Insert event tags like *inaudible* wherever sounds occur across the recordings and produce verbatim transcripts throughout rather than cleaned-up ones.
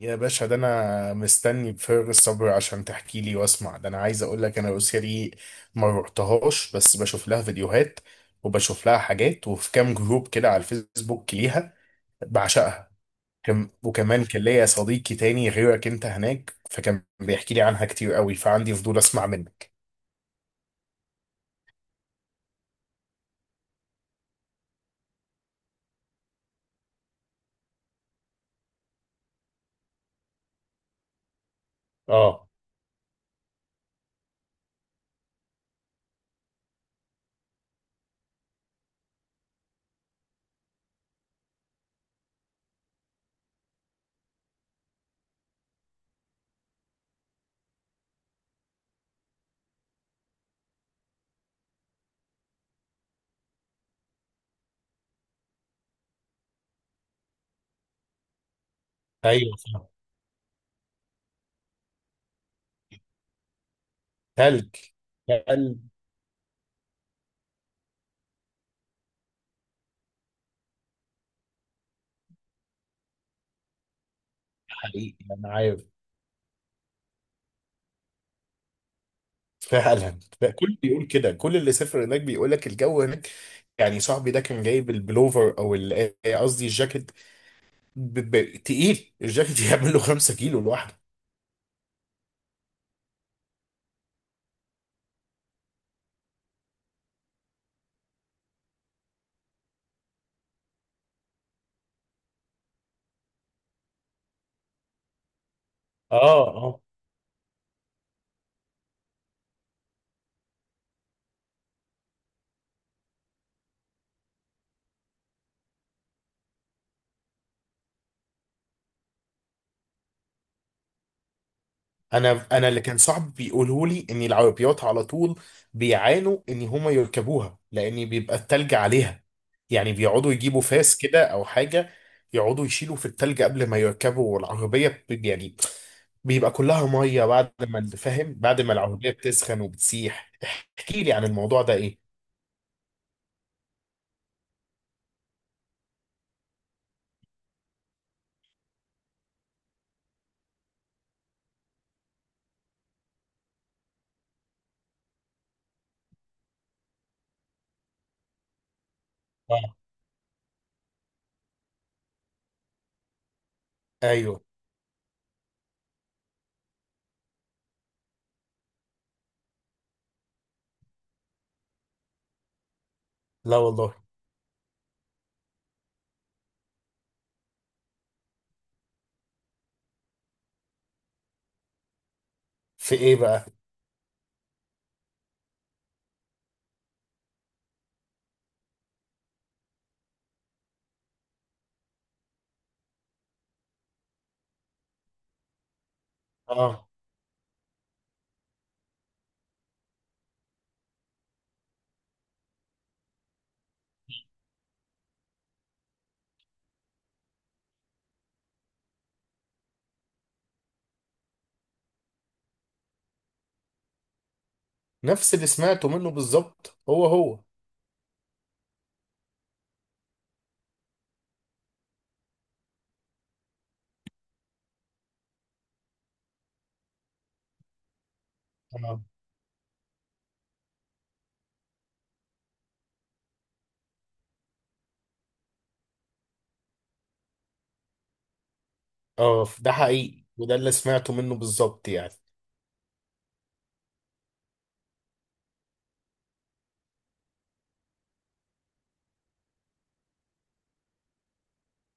يا باشا، ده انا مستني بفارغ الصبر عشان تحكي لي واسمع. ده انا عايز اقول لك، انا روسيا دي ما روحتهاش، بس بشوف لها فيديوهات وبشوف لها حاجات، وفي كام جروب كده على الفيسبوك ليها، بعشقها. كم- وكمان كان ليا صديقي تاني غيرك انت هناك، فكان بيحكي لي عنها كتير قوي، فعندي فضول اسمع منك. اه. ايوه، فاهم. تلج، تلج. حقيقي انا عارف. فعلا بقى، كل بيقول كده، كل اللي سافر هناك بيقول لك الجو هناك. يعني صاحبي ده كان جايب البلوفر او ال- إيه، قصدي الجاكيت، ب- ب- تقيل الجاكيت *laughs* يعمل له 5 كيلو لوحده. اه. انا انا اللي كان صاحبي بيقوله لي ان العربيات على طول بيعانوا ان هما يركبوها، لان بيبقى التلج عليها. يعني بيقعدوا يجيبوا فاس كده او حاجه، يقعدوا يشيلوا في التلج قبل ما يركبوا العربيه، ب- يعني بيبقى كلها ميه بعد ما، فاهم، بعد ما العربيه بتسخن وبتسيح. احكي لي عن الموضوع ده ايه. آه. ايوه. لا والله. في ايه بقى؟ اه. نفس اللي سمعته منه بالظبط، هو هو. اه، اه. ده حقيقي، وده اللي سمعته منه بالظبط يعني.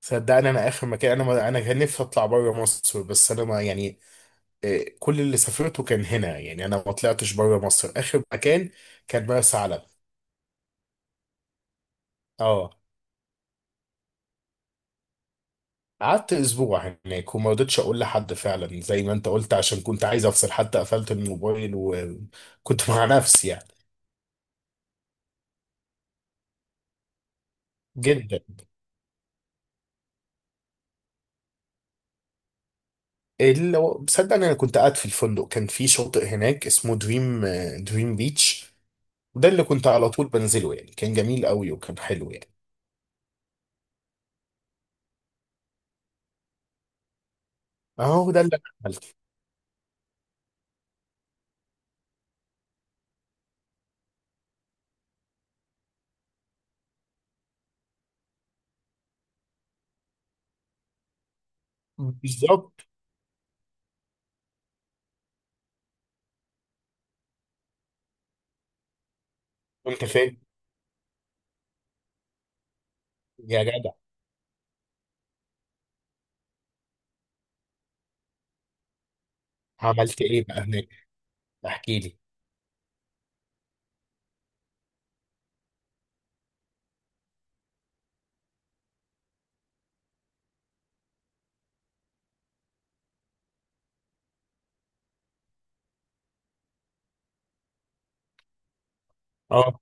صدقني، انا اخر مكان، انا ما انا كان نفسي اطلع بره مصر، بس انا ما، يعني إيه، كل اللي سافرته كان هنا، يعني انا ما طلعتش بره مصر. اخر مكان كان مرسى علم. اه. قعدت اسبوع هناك وما رضيتش اقول لحد، فعلا زي ما انت قلت، عشان كنت عايز افصل، حتى قفلت الموبايل وكنت مع نفسي يعني. جدا. اللي هو- صدقني، انا كنت قاعد في الفندق، كان في شاطئ هناك اسمه دريم دريم بيتش. وده اللي كنت على طول بنزله، يعني كان جميل قوي وكان حلو يعني. اهو ده اللي أنا عملته. بالظبط. انت فاهم. يا جدع. عملت ايه بقى هناك؟ احكي لي. اه.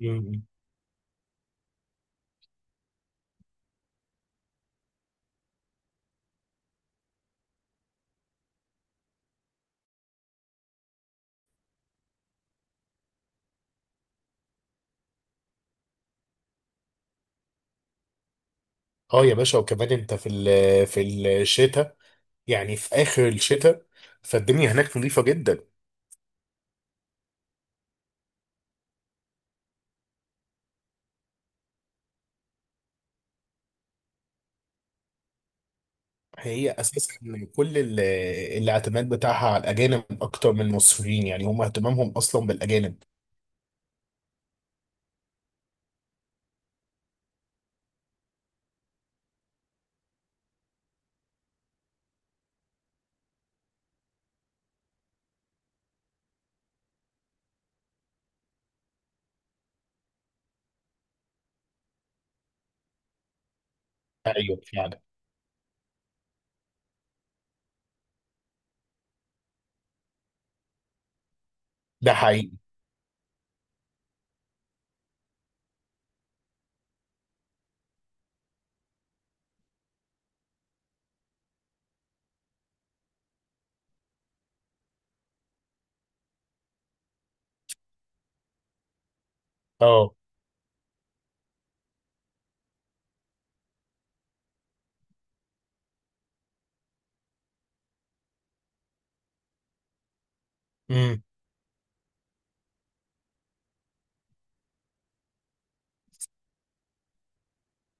مم. اه. يا باشا، وكمان انت في ال- في الشتاء، يعني في اخر الشتاء، فالدنيا هناك نظيفه جدا. هي اساسا كل ال- الاعتماد بتاعها على الاجانب اكتر من المصريين، يعني هم اهتمامهم اصلا بالاجانب. ايوه فعلا. ده حقيقي. اه. امم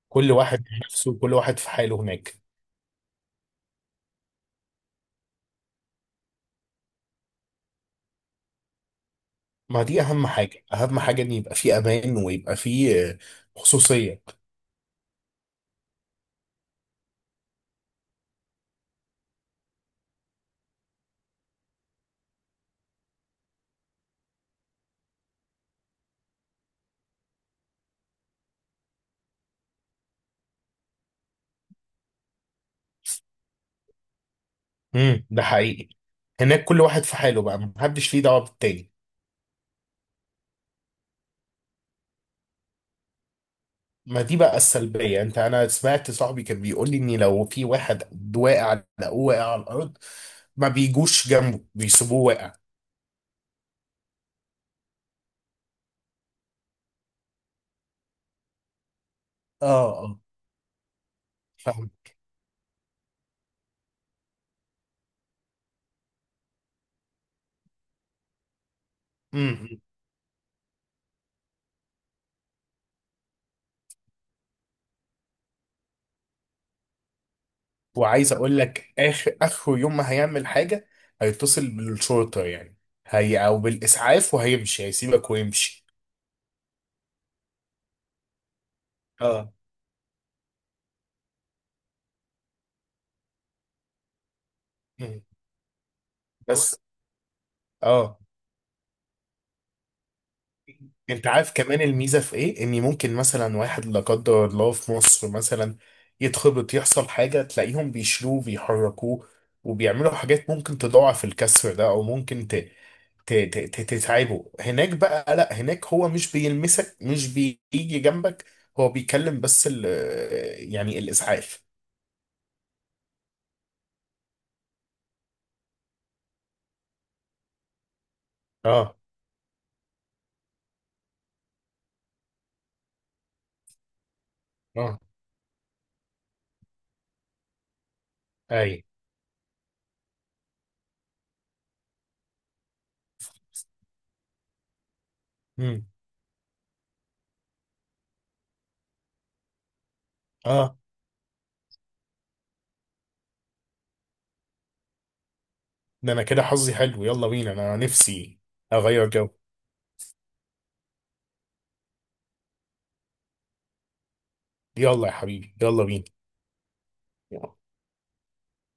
كل واحد نفسه، كل واحد في حاله هناك. ما دي اهم حاجه، اهم حاجه ان يبقى في امان، ويبقى في آه، خصوصيه. امم ده حقيقي. هناك كل واحد في حاله بقى، محدش ليه دعوه بالتاني. ما دي بقى السلبيه، انت، انا سمعت صاحبي كان بيقول لي ان لو في واحد واقع، لقوه واقع على الارض، ما بيجوش جنبه، بيسيبوه واقع. اه، اه، فاهم. امم وعايز اقول لك، اخر اخر يوم ما هيعمل حاجه، هيتصل بالشرطه، يعني هي او بالاسعاف، وهيمشي، هيسيبك ويمشي. اه. مم. بس. اه. انت عارف كمان الميزه في ايه؟ ان ممكن مثلا واحد لا قدر الله في مصر مثلا يتخبط، يحصل حاجه، تلاقيهم بيشيلوه بيحركوه، وبيعملوا حاجات ممكن تضاعف الكسر ده، او ممكن ت... ت... ت... ت- تتعبه. هناك بقى لا، هناك هو مش بيلمسك، مش بيجي جنبك، هو بيكلم بس ال... يعني الاسعاف. اه، اه. اي. مم. اه. ده انا كده حظي حلو، يلا بينا، انا نفسي اغير جو. يلا يا حبيبي، يلا بينا.